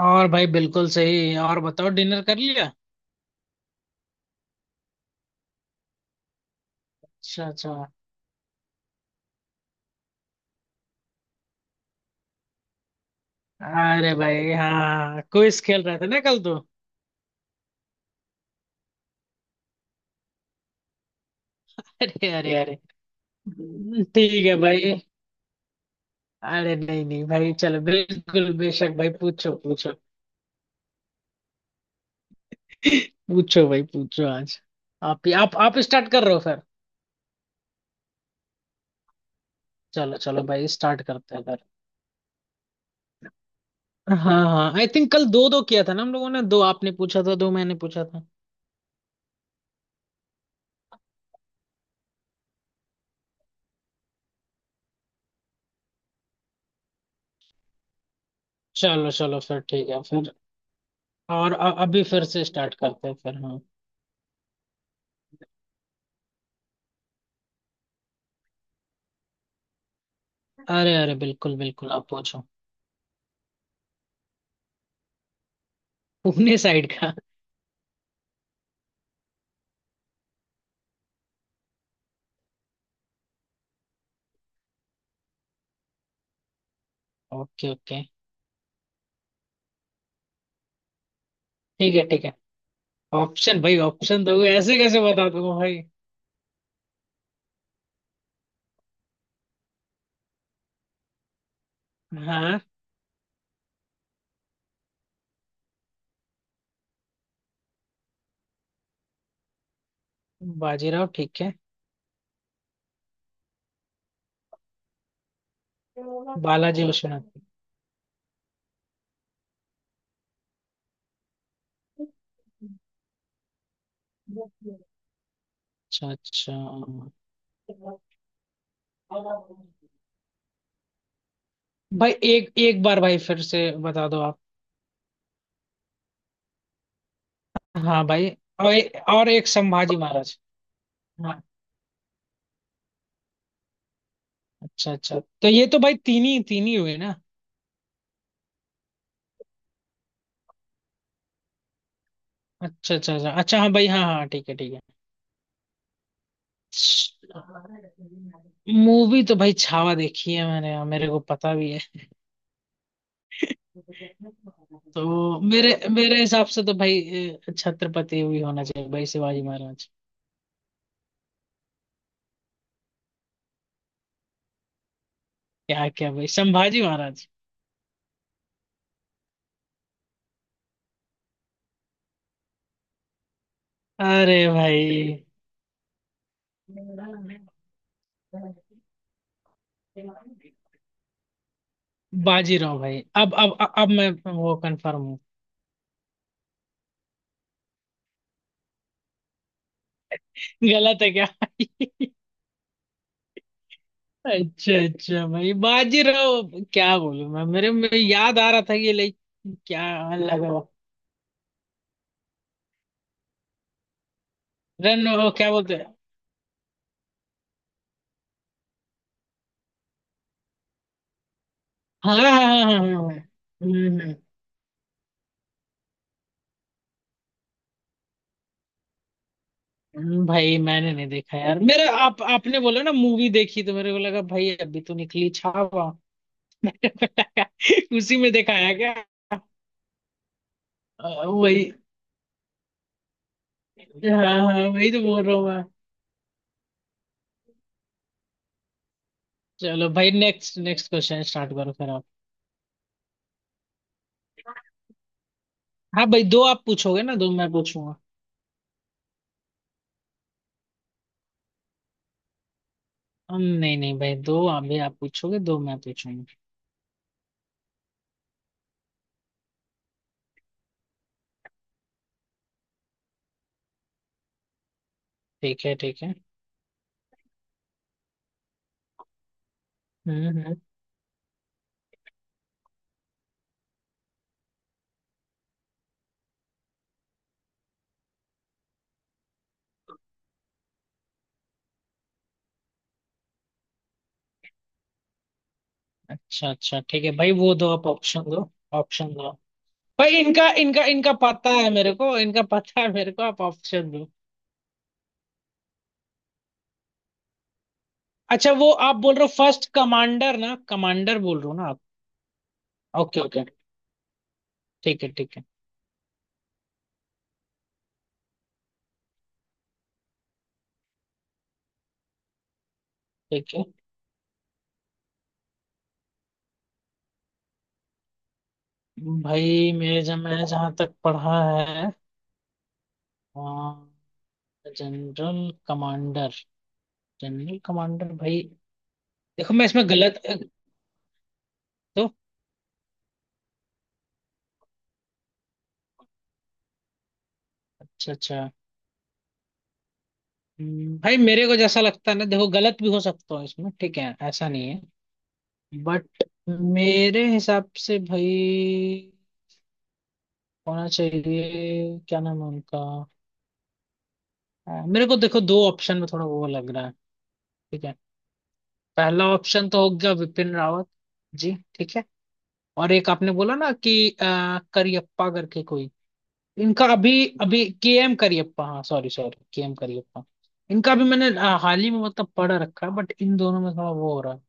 और भाई बिल्कुल सही। और बताओ, डिनर कर लिया? अच्छा अच्छा। अरे भाई हाँ, क्विज खेल रहे थे ना कल तो। अरे अरे अरे। ठीक है भाई। अरे नहीं नहीं भाई, चलो बिल्कुल बेशक भाई, पूछो पूछो। पूछो भाई पूछो आज। आप ही आप स्टार्ट कर रहे हो फिर। चलो चलो भाई, स्टार्ट करते हैं फिर। हाँ हाँ, आई थिंक कल दो दो किया था ना हम लोगों ने। दो आपने पूछा था, दो मैंने पूछा था। चलो चलो फिर, ठीक है फिर। और अभी फिर से स्टार्ट करते हैं फिर, हाँ। अरे अरे बिल्कुल बिल्कुल, आप पूछो। पुणे साइड का। Okay okay. ठीक है ठीक है। ऑप्शन भाई? ऑप्शन दोगे ऐसे कैसे बता दूंगा भाई। हाँ। बाजीराव ठीक है। बालाजी विश्वनाथ। अच्छा अच्छा। भाई एक एक बार भाई फिर से बता दो आप। हाँ भाई। और, और एक संभाजी महाराज। हाँ। अच्छा अच्छा, तो ये तो भाई तीन ही हुए ना। अच्छा अच्छा अच्छा अच्छा, हाँ भाई, हाँ हाँ, ठीक है ठीक है। मूवी तो भाई छावा देखी है मैंने, और मेरे को पता भी है। तो मेरे मेरे हिसाब से तो भाई छत्रपति भी होना चाहिए भाई, शिवाजी महाराज। क्या क्या भाई? संभाजी महाराज। अरे भाई। बाजीराव भाई, अब मैं वो कंफर्म हूँ। गलत है क्या? अच्छा अच्छा भाई, बाजीराव। क्या बोलूं मैं, मेरे में याद आ रहा था कि लाइक। क्या लगा? रण, वो क्या बोलते हैं। हाँ हाँ हाँ हाँ, हाँ, हाँ। हम्म भाई मैंने नहीं देखा यार। मेरा आप, आपने बोला ना मूवी देखी, तो मेरे को लगा भाई अभी तो निकली छावा। उसी में दिखाया क्या? वही। हाँ हाँ, वही तो बोल रहा हूँ मैं। चलो भाई, नेक्स्ट नेक्स्ट क्वेश्चन स्टार्ट करो फिर आप। हाँ भाई, दो आप पूछोगे ना, दो मैं पूछूंगा। हम नहीं नहीं भाई, दो आप भी, आप पूछोगे, दो मैं पूछूंगा। ठीक है ठीक है। हम्म। अच्छा अच्छा, ठीक है भाई, वो दो आप ऑप्शन दो। ऑप्शन दो भाई, इनका इनका इनका पता है मेरे को, इनका पता है मेरे को, आप ऑप्शन दो। अच्छा, वो आप बोल रहे हो फर्स्ट कमांडर ना, कमांडर बोल रहे हो ना आप। Okay okay. ठीक है ठीक है। ठीक है भाई, मेरे जब मैंने जहाँ तक पढ़ा है। General commander. जनरल कमांडर भाई। देखो मैं इसमें गलत। तो अच्छा अच्छा। भाई मेरे को जैसा लगता है ना, देखो गलत भी हो सकता हूँ इसमें, ठीक है, ऐसा नहीं है। बट मेरे हिसाब से भाई होना चाहिए, क्या नाम है उनका। मेरे को देखो दो ऑप्शन में थोड़ा वो लग रहा है। ठीक है। पहला ऑप्शन तो हो गया विपिन रावत जी, ठीक है। और एक आपने बोला ना कि करियप्पा करके कोई। इनका अभी, अभी के एम करियप्पा, हाँ sorry sorry, K M Cariappa. इनका भी मैंने हाल ही में मतलब पढ़ रखा है। बट इन दोनों में थोड़ा वो हो रहा है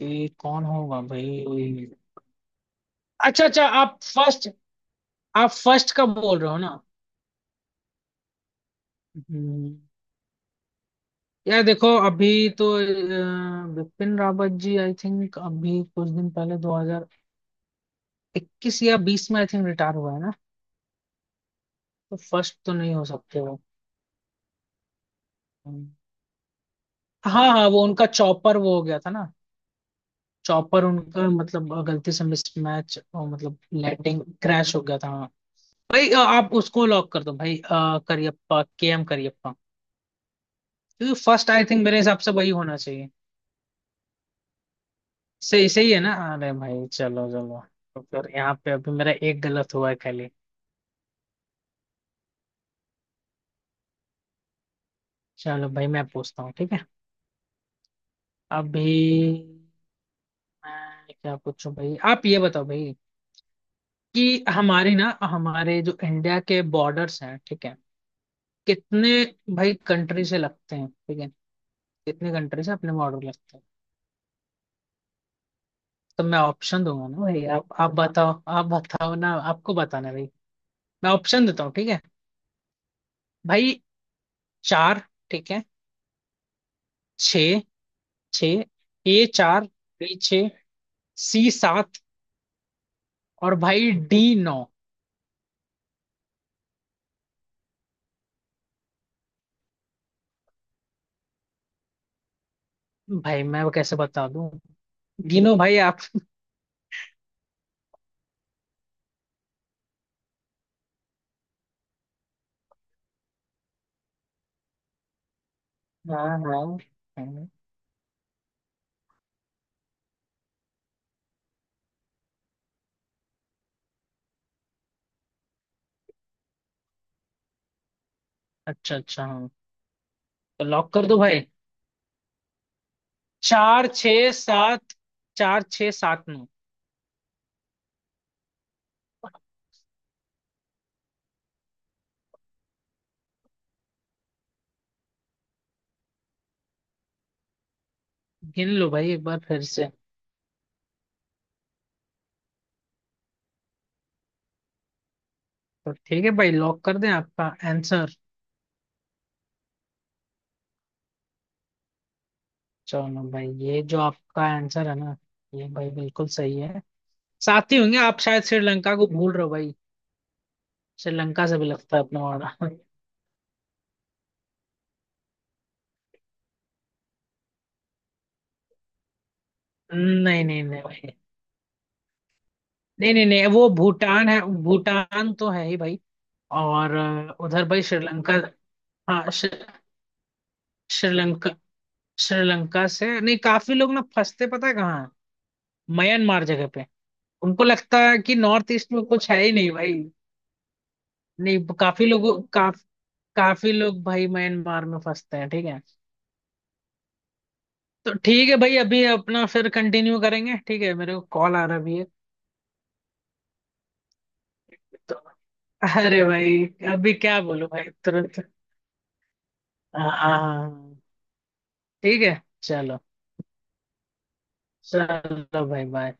कि कौन होगा भाई। अच्छा अच्छा, आप फर्स्ट, आप फर्स्ट का बोल रहे हो ना। हम्म, यार देखो, अभी तो बिपिन रावत जी आई थिंक अभी कुछ दिन पहले 2021 या 20 में आई थिंक रिटायर हुआ है ना। तो फर्स्ट तो नहीं हो सकते वो। हाँ हाँ, वो उनका चॉपर वो हो गया था ना। चॉपर उनका, मतलब गलती से मिसमैच, मतलब लैंडिंग क्रैश हो गया था, हाँ। भाई आप उसको लॉक कर दो भाई, करियप्पा, के एम करियप्पा। क्योंकि फर्स्ट आई थिंक मेरे हिसाब से वही होना चाहिए। सही सही है ना। अरे भाई चलो चलो। तो फिर यहाँ पे अभी मेरा एक गलत हुआ है। चलो भाई मैं पूछता हूँ ठीक है। अभी मैं क्या पूछूं भाई, आप ये बताओ भाई, कि हमारी ना, हमारे जो इंडिया के बॉर्डर्स हैं, ठीक है, कितने भाई कंट्री से लगते हैं, ठीक है, कितने कंट्री से अपने बॉर्डर लगते हैं। तो मैं ऑप्शन दूंगा ना भाई, आप बताओ, आप बताओ ना, आपको बताना है भाई। मैं ऑप्शन देता हूँ ठीक है। भाई चार, ठीक है। छ, छ। ए चार, बी छ, सी सात, और भाई डी नौ। भाई मैं वो कैसे बता दूं। गिनो भाई आप। हाँ हाँ, हाँ। अच्छा अच्छा हाँ। तो लॉक कर दो भाई। चार छ सात, चार छ सात नौ। गिन लो भाई एक बार फिर से। तो ठीक है भाई, लॉक कर दें आपका आंसर। चलो भाई ये जो आपका आंसर है ना, ये भाई बिल्कुल सही है। साथ ही होंगे आप, शायद श्रीलंका को भूल रहे हो भाई। श्रीलंका से भी लगता है अपना वाला। नहीं नहीं नहीं भाई। नहीं नहीं नहीं, वो भूटान है, भूटान तो है ही भाई। और उधर भाई श्रीलंका। हाँ श्री- श्रीलंका। श्रीलंका से नहीं, काफी लोग ना फंसते, पता है कहाँ, म्यांमार जगह पे। उनको लगता है कि नॉर्थ ईस्ट में कुछ है ही नहीं भाई। नहीं, काफ, काफी लोग भाई म्यांमार में फंसते हैं ठीक है। तो ठीक है भाई, अभी अपना फिर कंटिन्यू करेंगे, ठीक है, मेरे को कॉल आ रहा भी है। तो अरे भाई अभी क्या बोलूं भाई तुरंत। हाँ हाँ, हाँ, हाँ। ठीक है चलो। चलो भाई बाय।